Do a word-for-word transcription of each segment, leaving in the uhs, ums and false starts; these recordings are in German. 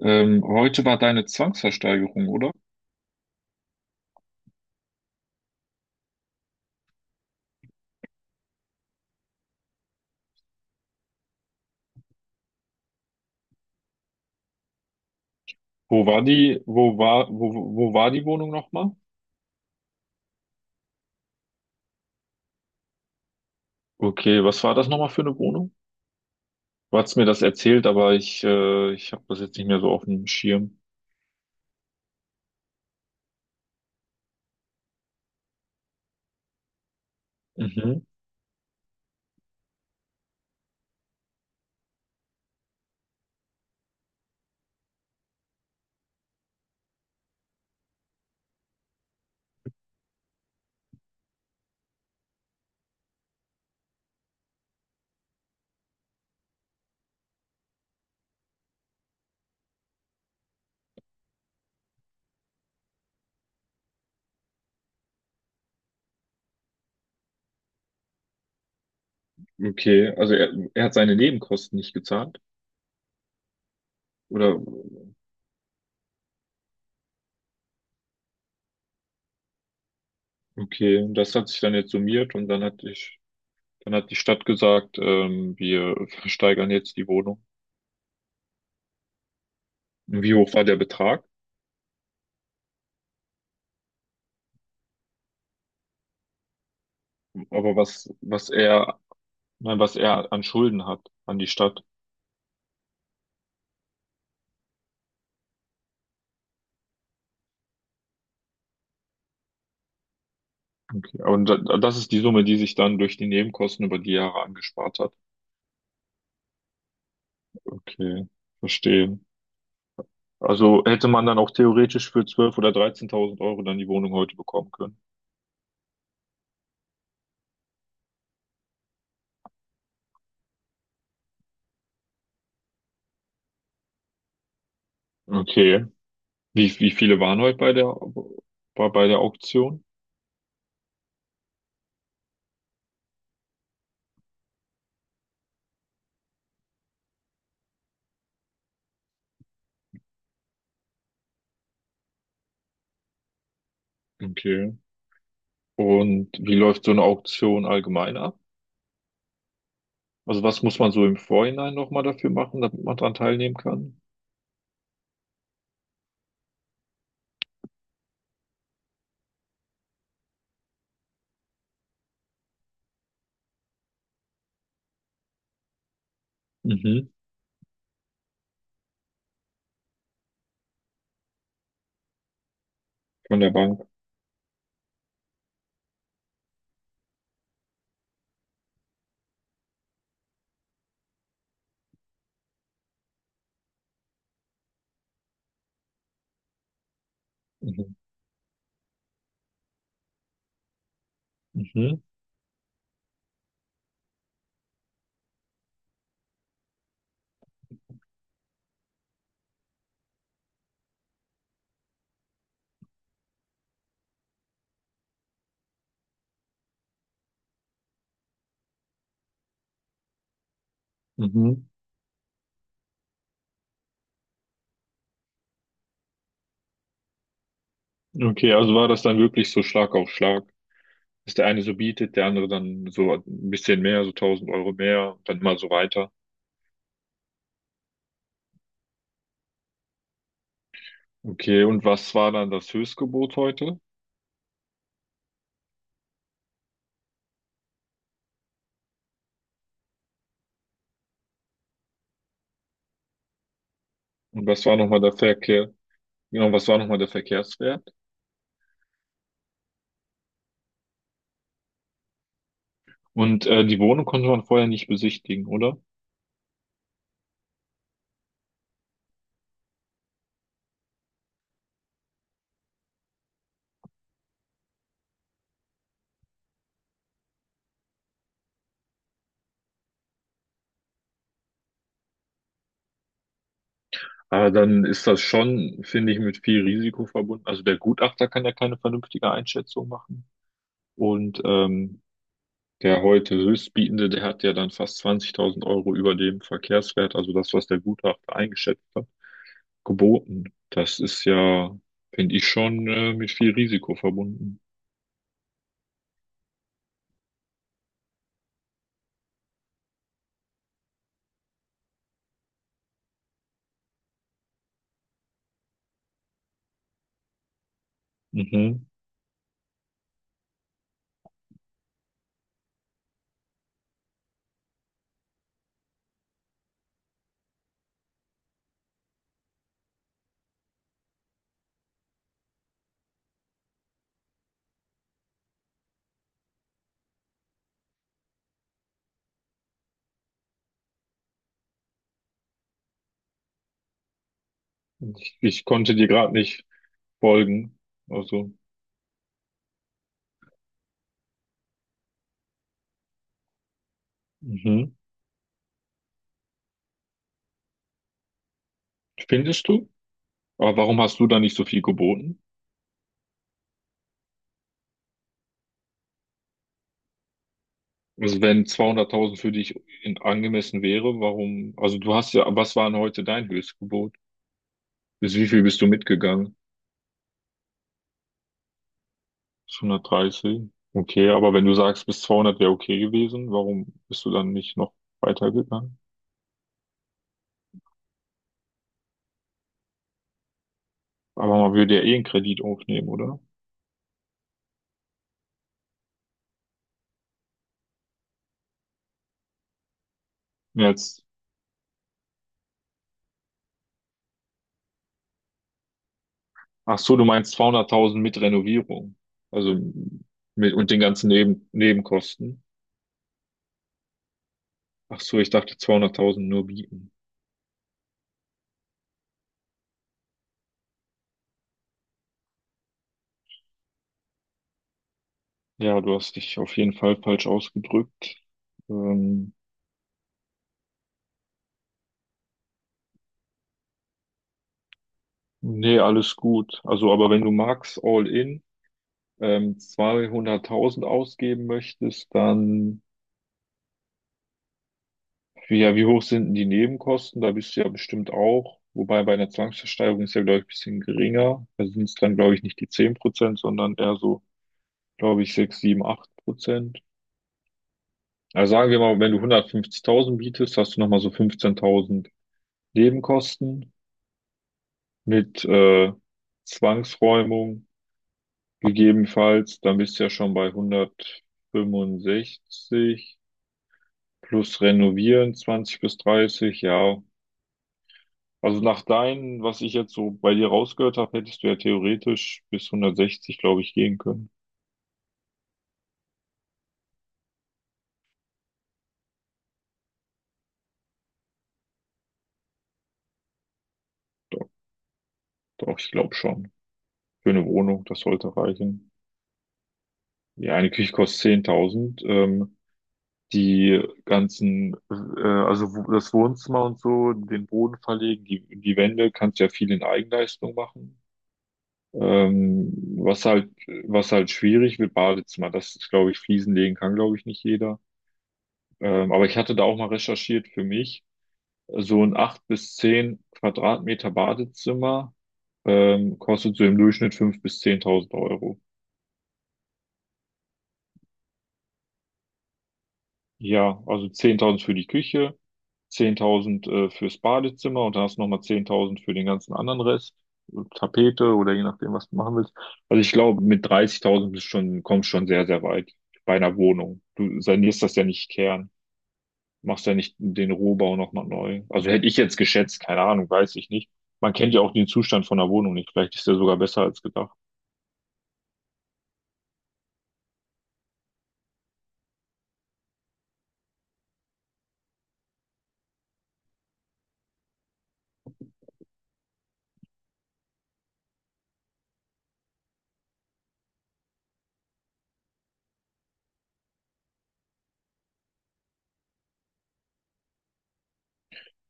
Ähm, heute war deine Zwangsversteigerung, oder? Wo war die, wo war, wo, wo wo war die Wohnung nochmal? Okay, was war das nochmal für eine Wohnung? Du hast mir das erzählt, aber ich, äh, ich habe das jetzt nicht mehr so auf dem Schirm. Mhm. Okay, also er, er hat seine Nebenkosten nicht gezahlt, oder? Okay, und das hat sich dann jetzt summiert und dann hat ich, dann hat die Stadt gesagt, ähm, wir versteigern jetzt die Wohnung. Wie hoch war der Betrag? aber was, was er, nein, was er an Schulden hat an die Stadt. Okay. Und da, das ist die Summe, die sich dann durch die Nebenkosten über die Jahre angespart hat. Okay, verstehe. Also hätte man dann auch theoretisch für zwölftausend oder dreizehntausend Euro dann die Wohnung heute bekommen können. Okay. Wie, wie viele waren heute bei der, bei, bei der Auktion? Okay. Und wie läuft so eine Auktion allgemein ab? Also was muss man so im Vorhinein nochmal dafür machen, damit man dran teilnehmen kann? Mhm. Von der Bank. Mhm. Mhm. Mhm. Okay, also war das dann wirklich so Schlag auf Schlag, dass der eine so bietet, der andere dann so ein bisschen mehr, so tausend Euro mehr, dann mal so weiter. Okay, und was war dann das Höchstgebot heute? Und was war nochmal der Verkehr? Genau, was war nochmal der Verkehrswert? Und äh, die Wohnung konnte man vorher nicht besichtigen, oder? Aber dann ist das schon, finde ich, mit viel Risiko verbunden. Also der Gutachter kann ja keine vernünftige Einschätzung machen. Und ähm, der heute Höchstbietende, der hat ja dann fast zwanzigtausend Euro über dem Verkehrswert, also das, was der Gutachter eingeschätzt hat, geboten. Das ist ja, finde ich, schon äh, mit viel Risiko verbunden. Mhm. Ich konnte dir gerade nicht folgen. Also, mhm. Findest du? Aber warum hast du da nicht so viel geboten? Also wenn zweihunderttausend für dich in, angemessen wäre, warum? Also du hast ja, was war denn heute dein Höchstgebot? Bis wie viel bist du mitgegangen? Bis okay, aber wenn du sagst, bis zweihundert wäre okay gewesen, warum bist du dann nicht noch weitergegangen? Aber man würde ja eh einen Kredit aufnehmen, oder? Jetzt, Ach so, du meinst zweihunderttausend mit Renovierung. Also mit, und den ganzen Neben Nebenkosten. Ach so, ich dachte zweihunderttausend nur bieten. Ja, du hast dich auf jeden Fall falsch ausgedrückt. Ähm, Nee, alles gut. Also, aber wenn du magst, all in, ähm, zweihunderttausend ausgeben möchtest, dann wie, ja, wie hoch sind denn die Nebenkosten? Da bist du ja bestimmt auch. Wobei bei einer Zwangsversteigerung ist ja, glaube ich, ein bisschen geringer. Da sind es dann, glaube ich, nicht die zehn Prozent, sondern eher so, glaube ich, sechs, sieben, acht Prozent. Also sagen wir mal, wenn du hundertfünfzigtausend bietest, hast du nochmal so fünfzehntausend Nebenkosten mit äh, Zwangsräumung gegebenenfalls. Dann bist du ja schon bei hundertfünfundsechzig plus Renovieren zwanzig bis dreißig. Ja, also nach deinen, was ich jetzt so bei dir rausgehört habe, hättest du ja theoretisch bis hundertsechzig, glaube ich, gehen können. Doch, doch, ich glaube schon. Für eine Wohnung, das sollte reichen. Ja, eine Küche kostet zehntausend. Ähm, die ganzen, äh, also wo- das Wohnzimmer und so, den Boden verlegen, die, die Wände, kannst ja viel in Eigenleistung machen. Ähm, was halt, was halt schwierig wird, Badezimmer. Das ist, glaube ich, Fliesen legen kann, glaube ich, nicht jeder. Ähm, aber ich hatte da auch mal recherchiert für mich. So ein acht bis zehn Quadratmeter Badezimmer ähm, kostet so im Durchschnitt fünftausend bis zehntausend Euro. Ja, also zehntausend für die Küche, zehntausend äh, fürs Badezimmer und dann hast du nochmal zehntausend für den ganzen anderen Rest, Tapete oder je nachdem, was du machen willst. Also ich glaube, mit dreißigtausend bist schon, kommst schon sehr, sehr weit bei einer Wohnung. Du sanierst das ja nicht Kern. Machst ja nicht den Rohbau nochmal neu. Also hätte ich jetzt geschätzt, keine Ahnung, weiß ich nicht. Man kennt ja auch den Zustand von der Wohnung nicht. Vielleicht ist der sogar besser als gedacht.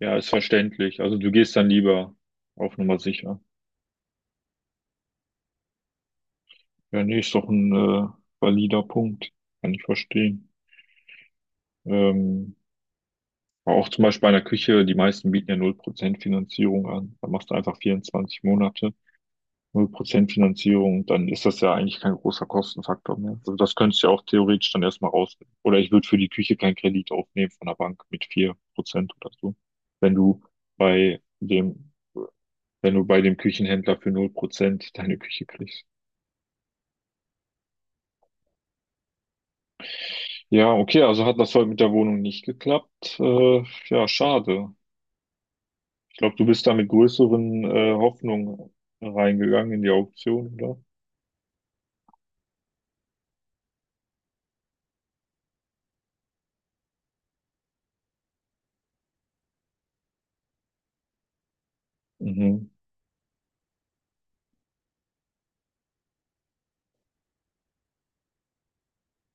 Ja, ist verständlich. Also du gehst dann lieber auf Nummer sicher. Ja, nee, ist doch ein äh, valider Punkt. Kann ich verstehen. Ähm, aber auch zum Beispiel bei einer Küche, die meisten bieten ja null Prozent Finanzierung an. Da machst du einfach vierundzwanzig Monate. Null Prozent Finanzierung, dann ist das ja eigentlich kein großer Kostenfaktor mehr. Also das könntest du ja auch theoretisch dann erstmal raus. Oder ich würde für die Küche keinen Kredit aufnehmen von der Bank mit vier Prozent oder so. Wenn du bei dem, wenn du bei dem Küchenhändler für null Prozent deine Küche kriegst. Ja, okay, also hat das heute mit der Wohnung nicht geklappt. Äh, ja, schade. Ich glaube, du bist da mit größeren äh, Hoffnungen reingegangen in die Auktion, oder? Mhm.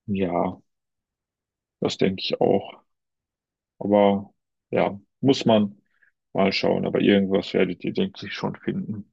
Ja, das denke ich auch. Aber ja, muss man mal schauen. Aber irgendwas werdet ihr, denke ich, schon finden.